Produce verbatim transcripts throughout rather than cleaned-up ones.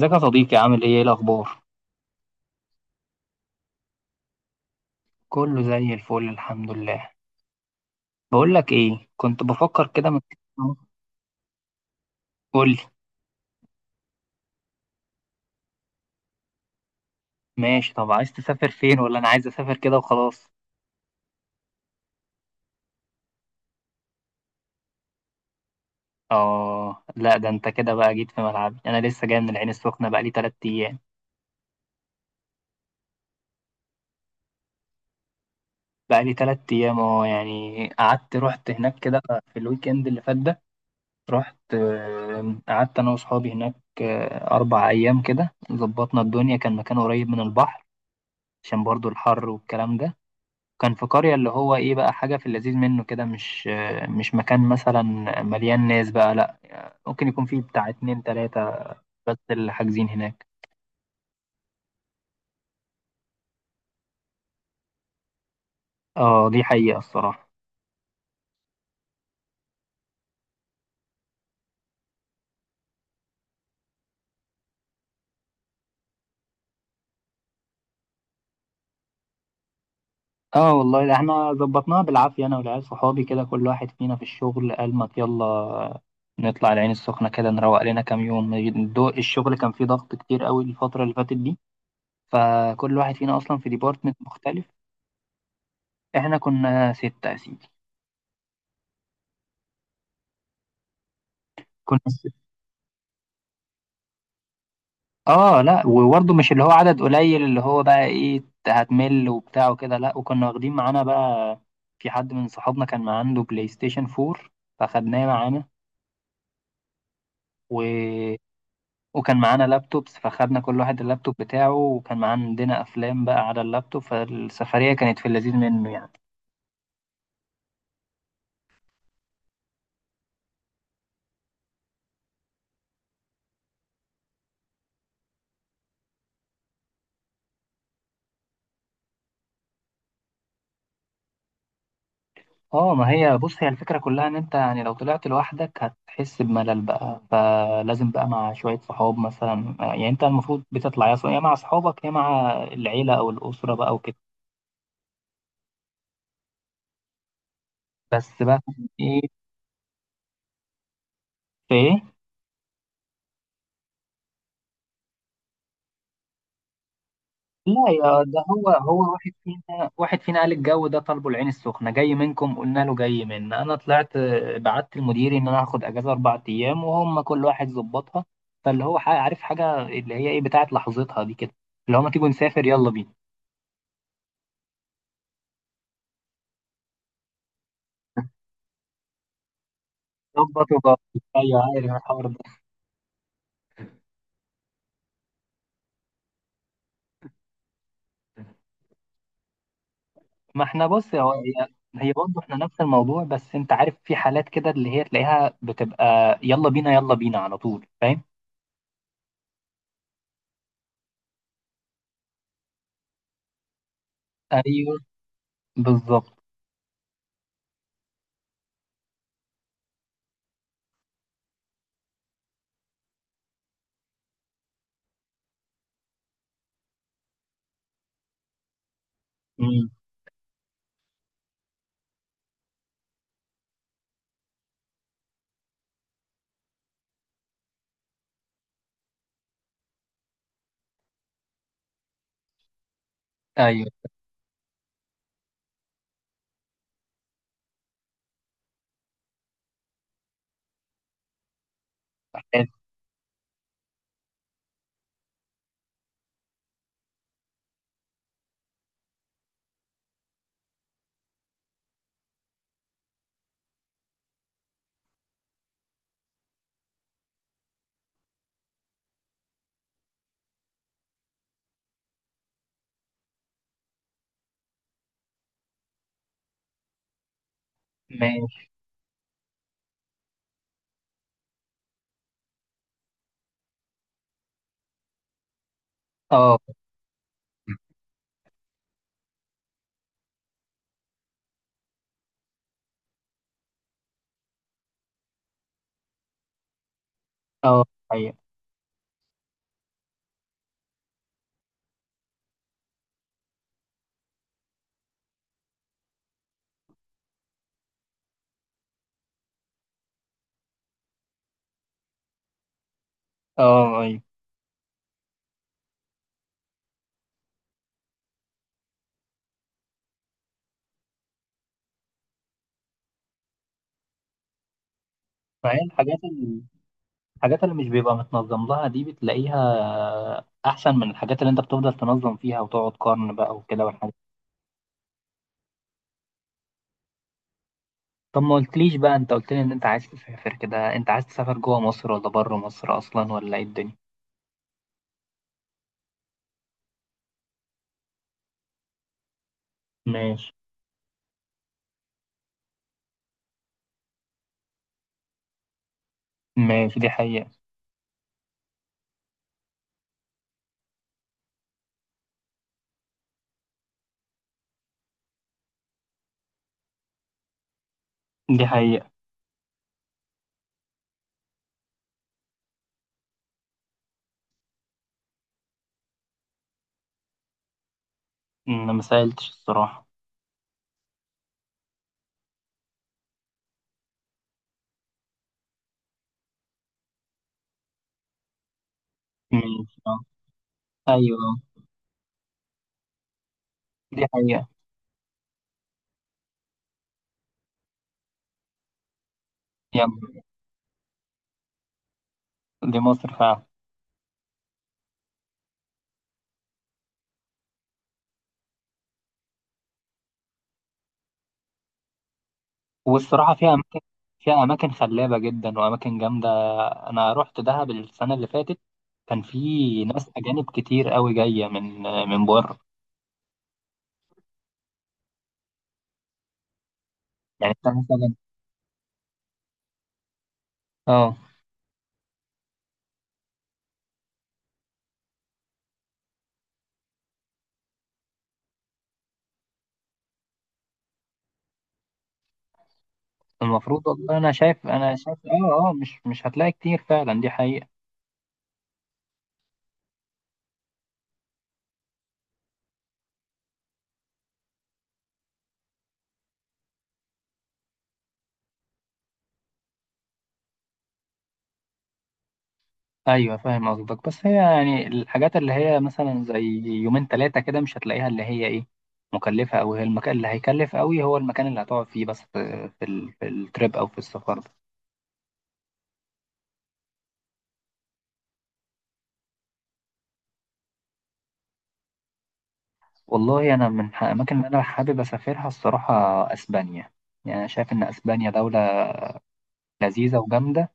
ازيك يا صديقي، عامل ايه؟ ايه الاخبار؟ كله زي الفل، الحمد لله. بقول لك ايه، كنت بفكر كده من... قول لي. ماشي، طب عايز تسافر فين ولا انا عايز اسافر كده وخلاص؟ اه لا، ده انت كده بقى جيت في ملعبي، انا لسه جاي من العين السخنه، بقى لي 3 ايام. بقى لي 3 ايام، اه، يعني قعدت رحت هناك كده في الويك اند اللي فات ده. رحت، آه، قعدت انا واصحابي هناك. آه، اربع ايام كده ظبطنا الدنيا، كان مكان قريب من البحر، عشان برضو الحر والكلام ده. كان في قرية، اللي هو ايه بقى، حاجة في اللذيذ منه كده، مش مش مكان مثلا مليان ناس بقى، لا، ممكن يكون فيه بتاع اتنين تلاتة بس اللي حاجزين هناك. اه دي حقيقة الصراحة. اه والله، ده احنا ظبطناها بالعافية، انا والعيال صحابي كده كل واحد فينا في الشغل قال ما يلا نطلع العين السخنة كده نروق لنا كام يوم. الدو- الشغل كان فيه ضغط كتير قوي الفترة اللي فاتت دي، فكل واحد فينا اصلا في ديبارتمنت مختلف. احنا كنا ستة يا سيدي. كنا... اه لا، وبرضه مش اللي هو عدد قليل اللي هو بقى ايه هتمل وبتاع وكده، لا. وكنا واخدين معانا بقى، في حد من صحابنا كان معاه عنده بلاي ستيشن فور، فخدناه معانا. و... وكان معانا لابتوبس، فخدنا كل واحد اللابتوب بتاعه، وكان معانا عندنا افلام بقى على اللابتوب، فالسفرية كانت في اللذيذ منه يعني. اه ما هي بص، هي الفكرة كلها ان انت يعني لو طلعت لوحدك هتحس بملل بقى، فلازم بقى مع شوية صحاب مثلا، آه، يعني انت المفروض بتطلع يا ص- يا مع صحابك يا مع العيلة او الأسرة بقى وكده. بس بقى. ايه؟ في ايه؟ لا يا، ده هو هو واحد فينا واحد فينا قال الجو ده طالبه، العين السخنة جاي منكم؟ قلنا له جاي منا. انا طلعت آه، بعت لمديري ان انا هاخد اجازة اربع ايام، وهم كل واحد ظبطها. فاللي هو ح- عارف حاجة اللي هي ايه بتاعت لحظتها دي كده، اللي هو ما تيجوا نسافر، يلا بينا. ظبط وظبط. ايوه، عارف الحوار ده. ما احنا بص، هو هي... هي برضه احنا نفس الموضوع، بس انت عارف في حالات كده اللي هي تلاقيها بتبقى يلا بينا، يلا بينا على طول، فاهم؟ ايوه، بالظبط. مم. ايوه. حلو. ماشي، اه، اه، ايوه، اه، ايوه. فهي الحاجات ال- الحاجات اللي مش بيبقى متنظم لها دي بتلاقيها احسن من الحاجات اللي انت بتفضل تنظم فيها وتقعد قرن بقى وكده والحاجات. طب ما قلتليش بقى، انت قلت لي ان انت عايز تسافر كده، انت عايز تسافر جوه مصر ولا بره مصر اصلا، ولا ايه الدنيا؟ ماشي. ماشي، دي حقيقة. دي حقيقة. انا ما سألتش الصراحة. ماشي، اه. ايوه، اه. دي حقيقة. يلا. دي مصر فعلا. والصراحة فيها اماكن، فيها اماكن خلابة جدا واماكن جامدة. انا رحت دهب السنة اللي فاتت، كان في ناس اجانب كتير قوي جاية من من بره. يعني انت مثلا. اه. المفروض والله. انا شايف انا شايف، اه، اه، مش مش هتلاقي كتير فعلا، دي حقيقة. ايوه فاهم قصدك، بس هي يعني الحاجات اللي هي مثلا زي يومين ثلاثة كده مش هتلاقيها اللي هي ايه، مكلفة، او هي المكان اللي هيكلف قوي، هو المكان اللي هتقعد فيه بس، في في ال- في التريب او في السفر ده. والله انا من الاماكن اللي انا حابب اسافرها الصراحة، اسبانيا. يعني انا شايف ان اسبانيا دولة لذيذة وجامدة،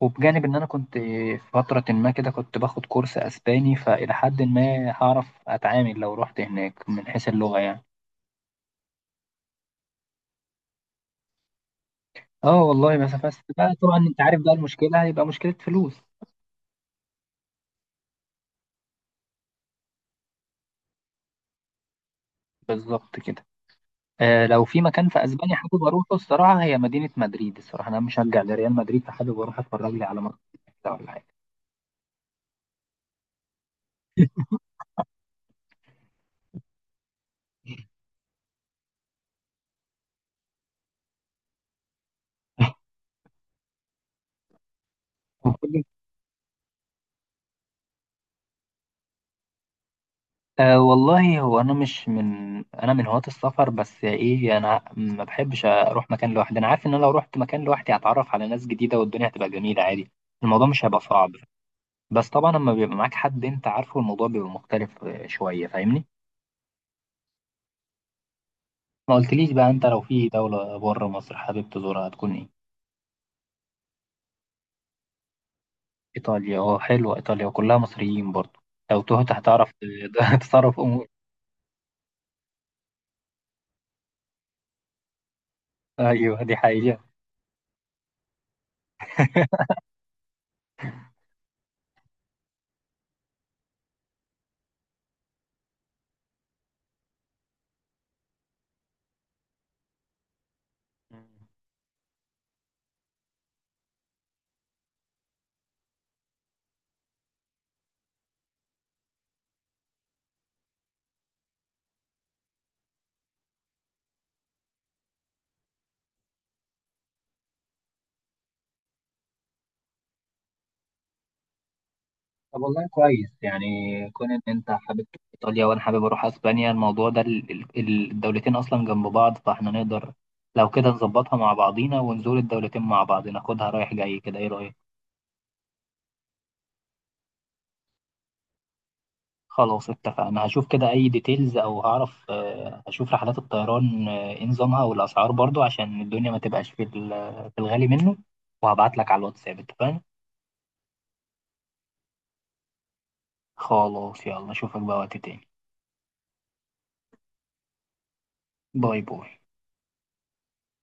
وبجانب ان انا كنت في فترة ما كده كنت باخد كورس اسباني، فالى حد ما هعرف اتعامل لو رحت هناك من حيث اللغة يعني. اه والله، بس بس بقى، طبعا انت عارف بقى المشكلة هيبقى مشكلة فلوس. بالظبط كده. آه لو في مكان في اسبانيا حابب اروحه الصراحة، هي مدينة مدريد، الصراحة انا مشجع لريال مدريد، فحابب اروح اتفرج لي على ماتش ولا حاجة. وكل... أه والله، هو انا مش من انا من هواة السفر، بس ايه، انا ما بحبش اروح مكان لوحدي، انا عارف ان انا لو رحت مكان لوحدي هتعرف على ناس جديده والدنيا هتبقى جميله عادي. الموضوع مش هيبقى صعب. بس طبعا لما بيبقى معاك حد انت عارفه، الموضوع بيبقى مختلف آه، شويه، فاهمني؟ ما قلتليش بقى، انت لو في دوله بره مصر حابب تزورها هتكون ايه؟ ايطاليا، اه حلوه ايطاليا، وكلها مصريين برضه، لو تهت هتعرف ت- تتصرف امور. ايوه دي حقيقه. طب والله كويس يعني، كون ان انت حابب تروح ايطاليا وانا حابب اروح اسبانيا، الموضوع ده ال- ال- الدولتين اصلا جنب بعض، فاحنا نقدر لو كده نظبطها مع بعضينا ونزور الدولتين مع بعض، ناخدها رايح جاي كده، ايه رايك؟ خلاص اتفقنا، هشوف كده اي ديتيلز، او هعرف، آه، هشوف رحلات الطيران، آه، ايه نظامها والاسعار برضو عشان الدنيا ما تبقاش في ال- في الغالي منه، وهبعت لك على الواتساب، اتفقنا؟ خلاص، يلا اشوفك بقى وقت تاني. باي باي.